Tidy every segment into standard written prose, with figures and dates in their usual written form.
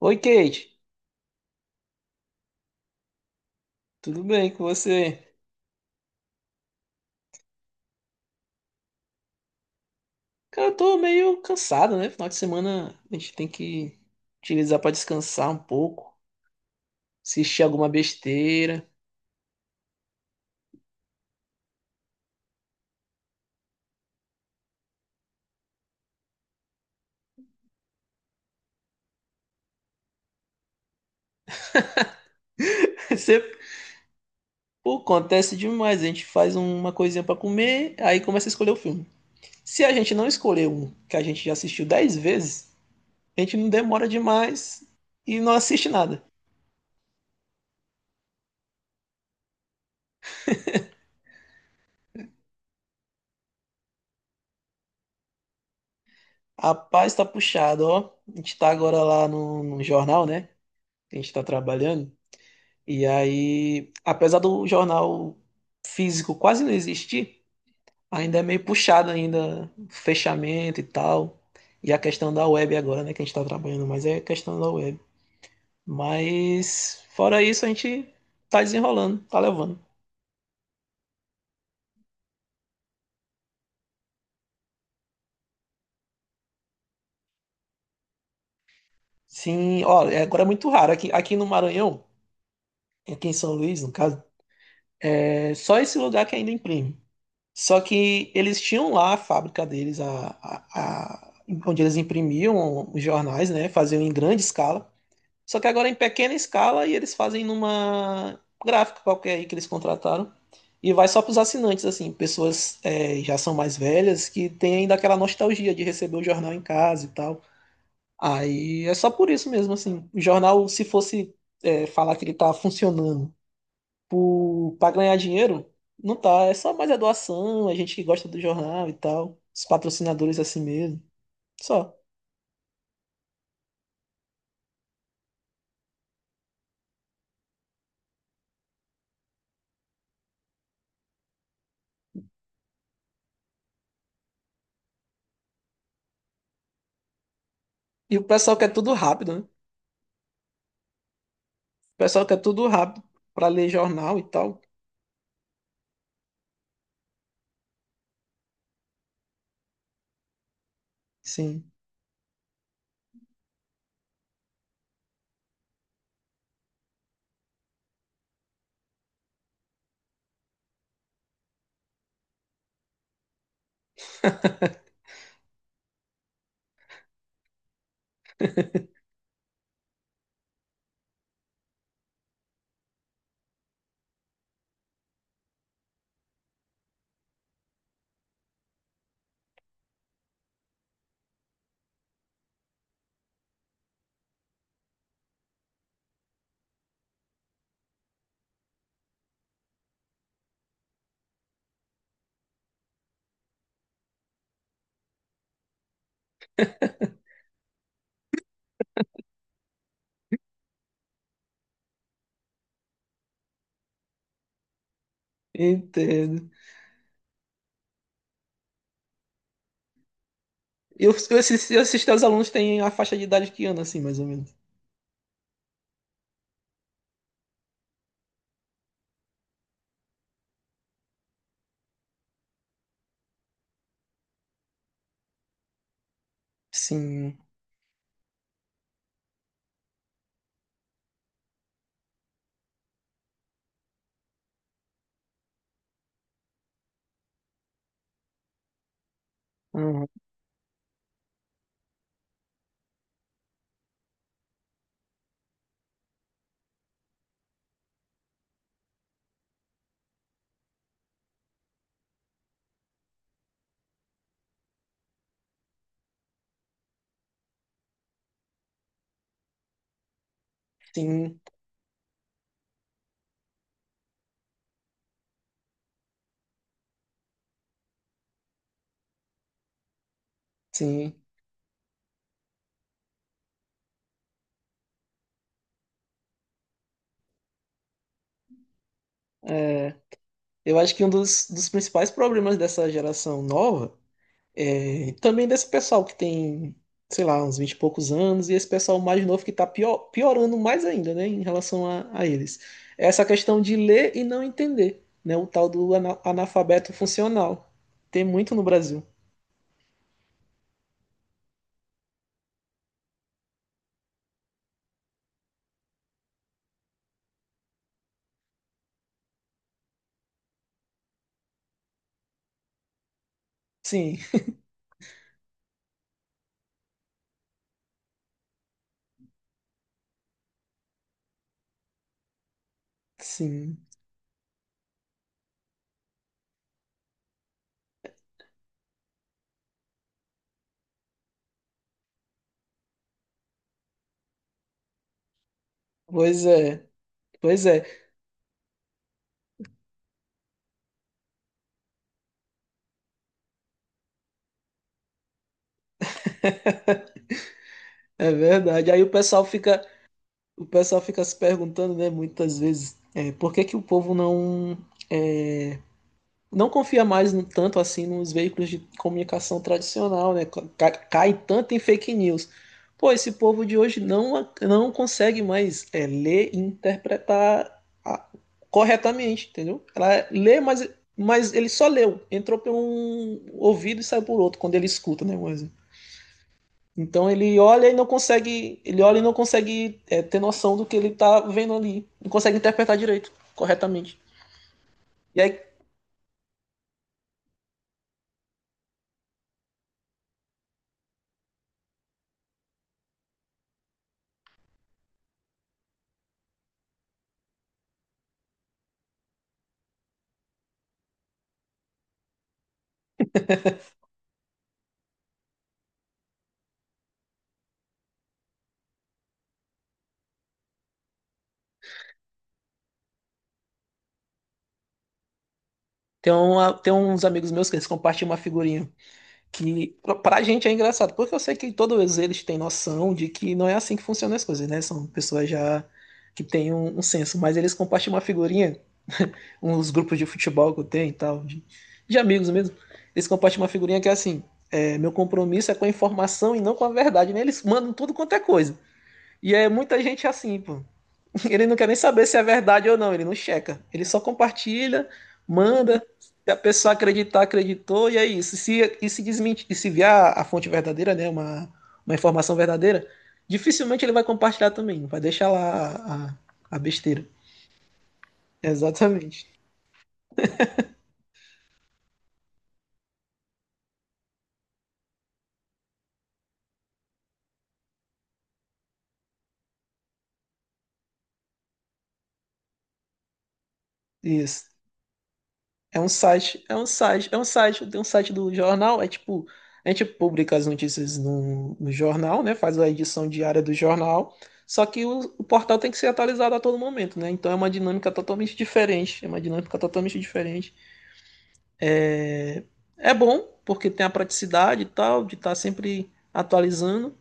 Oi, Kate. Tudo bem com você? Cara, eu tô meio cansado, né? Final de semana a gente tem que utilizar pra descansar um pouco, assistir alguma besteira. Sempre, pô, acontece demais. A gente faz uma coisinha pra comer, aí começa a escolher o filme. Se a gente não escolher um que a gente já assistiu 10 vezes, a gente não demora demais e não assiste nada. Rapaz, tá puxado, ó. A gente tá agora lá no jornal, né? A gente tá trabalhando. E aí, apesar do jornal físico quase não existir, ainda é meio puxado ainda o fechamento e tal. E a questão da web agora, né, que a gente está trabalhando, mas é questão da web. Mas fora isso, a gente tá desenrolando, tá levando. Sim, olha, agora é muito raro. Aqui, aqui no Maranhão, aqui em São Luís, no caso, é só esse lugar que ainda imprime. Só que eles tinham lá a fábrica deles, onde eles imprimiam os jornais, né? Faziam em grande escala. Só que agora é em pequena escala e eles fazem numa gráfica qualquer aí que eles contrataram. E vai só para os assinantes, assim, pessoas já são mais velhas que têm ainda aquela nostalgia de receber o jornal em casa e tal. Aí é só por isso mesmo, assim. O jornal, se fosse falar que ele tá funcionando para ganhar dinheiro, não tá. É só mais a doação, a gente que gosta do jornal e tal. Os patrocinadores assim mesmo. Só. E o pessoal quer tudo rápido, né? O pessoal quer tudo rápido para ler jornal e tal. Sim, entendo. Eu os- eu esses aos alunos têm a faixa de idade que ano, assim, mais ou menos? Sim, uhum, sim, sim. É, eu acho que um dos principais problemas dessa geração nova é também desse pessoal que tem, sei lá, uns 20 e poucos anos, e esse pessoal mais novo que tá pior, piorando mais ainda, né, em relação a eles. É essa questão de ler e não entender, né, o tal do analfabeto funcional. Tem muito no Brasil. Sim, sim. Pois é, pois é, é verdade. Aí o pessoal fica se perguntando, né, muitas vezes, por que que o povo não é, não confia mais tanto assim nos veículos de comunicação tradicional, né? Cai, tanto em fake news. Pô, esse povo de hoje não, não consegue mais ler e interpretar corretamente, entendeu? Ela lê, mas ele só leu, entrou por um ouvido e saiu por outro quando ele escuta, né? Então ele olha e não consegue, ele olha e não consegue ter noção do que ele tá vendo ali, não consegue interpretar direito, corretamente. E aí tem uns amigos meus que eles compartilham uma figurinha que pra gente é engraçado, porque eu sei que todos eles têm noção de que não é assim que funcionam as coisas, né? São pessoas já que têm um senso, mas eles compartilham uma figurinha, uns grupos de futebol que eu tenho e tal, de amigos mesmo, eles compartilham uma figurinha que é assim, é, meu compromisso é com a informação e não com a verdade, né? Eles mandam tudo quanto é coisa. E é muita gente assim, pô. Ele não quer nem saber se é verdade ou não, ele não checa. Ele só compartilha, manda, se a pessoa acreditar, acreditou, e é isso. Se, e se desmentir, e se vier a fonte verdadeira, né, uma informação verdadeira, dificilmente ele vai compartilhar também, vai deixar lá a besteira. Exatamente. Isso. É um site, tem um site do jornal, é tipo, a gente publica as notícias no jornal, né? Faz a edição diária do jornal, só que o portal tem que ser atualizado a todo momento, né? Então é uma dinâmica totalmente diferente, é uma dinâmica totalmente diferente. É bom, porque tem a praticidade e tal, de estar sempre atualizando,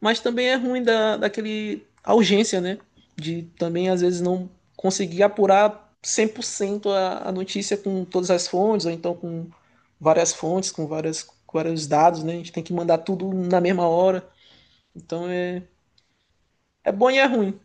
mas também é ruim da, daquele a urgência, né? De também, às vezes, não conseguir apurar 100% a notícia com todas as fontes, ou então com várias fontes, com várias, com vários dados, né? A gente tem que mandar tudo na mesma hora. Então, é, é bom e é ruim,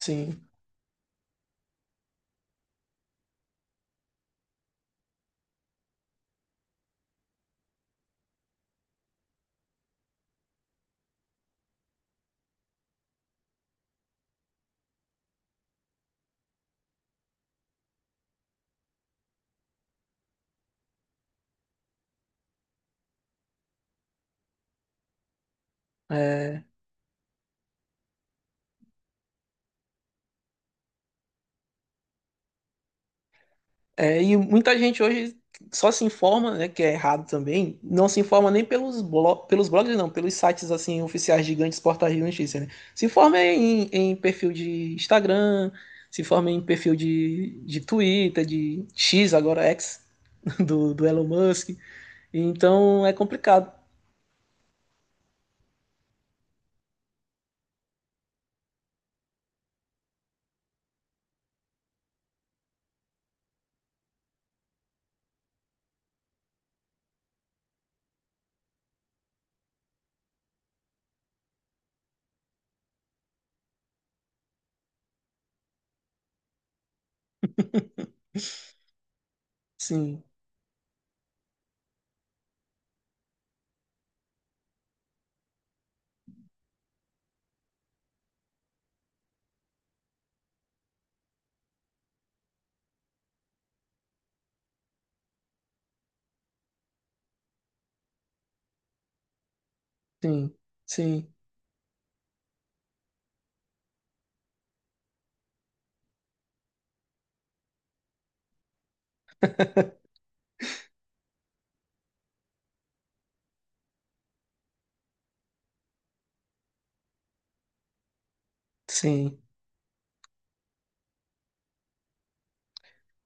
sim. É, É, e muita gente hoje só se informa, né, que é errado também, não se informa nem pelos, blo pelos blogs, não, pelos sites, assim, oficiais gigantes, portais de notícia, né? Se informa em perfil de Instagram, se informa em perfil de Twitter, de X, agora X, do Elon Musk. Então, é complicado. Sim, sim, sim, sim.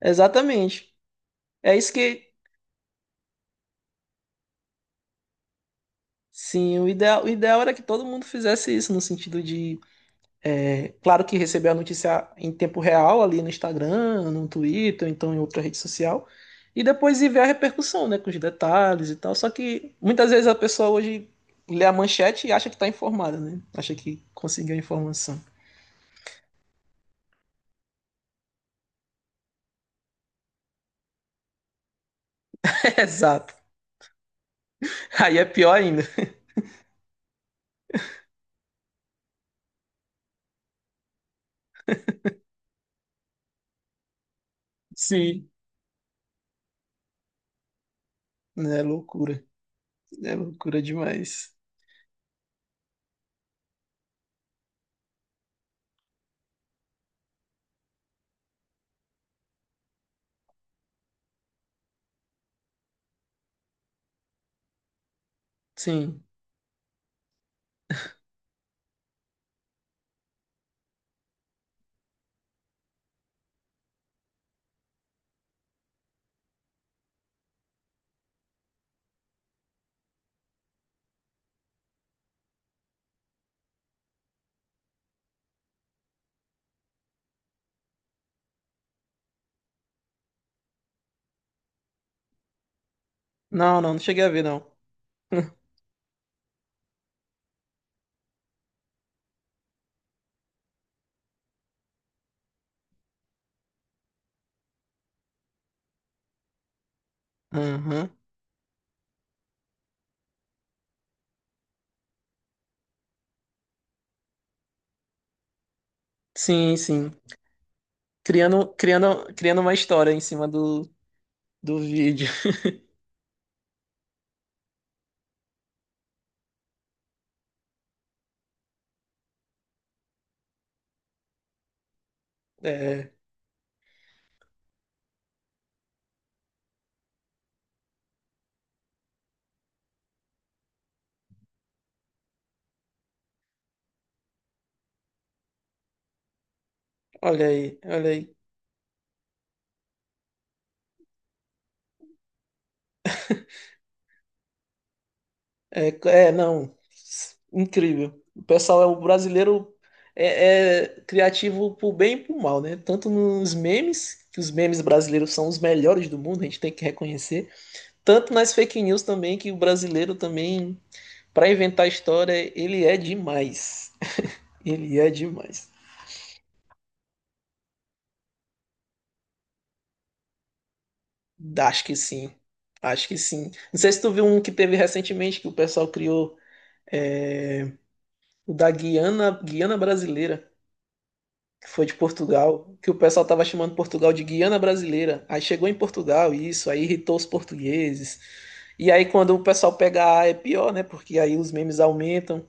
Exatamente. É isso que... Sim, o ideal era que todo mundo fizesse isso, no sentido de é, claro que recebeu a notícia em tempo real ali no Instagram, no Twitter, ou então em outra rede social. E depois ir ver a repercussão, né? Com os detalhes e tal. Só que muitas vezes a pessoa hoje lê a manchete e acha que está informada, né? Acha que conseguiu a informação. Exato. Aí é pior ainda. Sim. É loucura. É loucura demais. Sim. Não, não, não cheguei a ver, não. Aham. Sim, sim. Criando, criando, criando uma história em cima do vídeo. É. Olha aí, olha aí. É, é, não. Incrível. O pessoal é o brasileiro é, é criativo pro bem e pro mal, né? Tanto nos memes, que os memes brasileiros são os melhores do mundo, a gente tem que reconhecer. Tanto nas fake news também, que o brasileiro também, para inventar história, ele é demais. Ele é demais. Acho que sim. Acho que sim. Não sei se tu viu um que teve recentemente que o pessoal criou, é, o da Guiana, Guiana Brasileira. Que foi de Portugal, que o pessoal tava chamando Portugal de Guiana Brasileira. Aí chegou em Portugal isso, aí irritou os portugueses. E aí quando o pessoal pega A é pior, né? Porque aí os memes aumentam.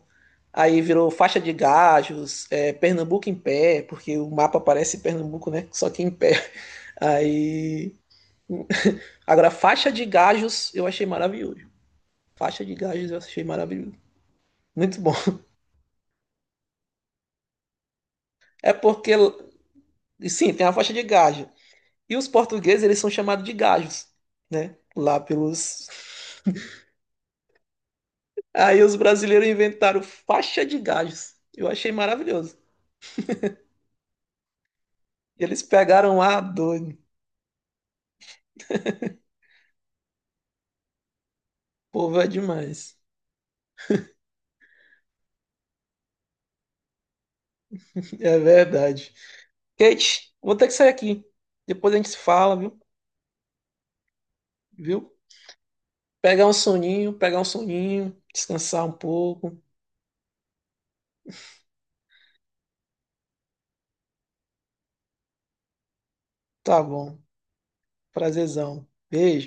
Aí virou faixa de gajos, é, Pernambuco em pé, porque o mapa parece Pernambuco, né? Só que em pé. Aí. Agora, faixa de gajos eu achei maravilhoso. Faixa de gajos eu achei maravilhoso. Muito bom. É porque. Sim, tem a faixa de gajos. E os portugueses, eles são chamados de gajos, né? Lá pelos. Aí os brasileiros inventaram faixa de gajos. Eu achei maravilhoso. Eles pegaram a doido. O povo é demais. É verdade. Kate, vou ter que sair aqui. Depois a gente se fala, viu? Viu? Pegar um soninho, descansar um pouco. Tá bom. Prazerzão. Beijo.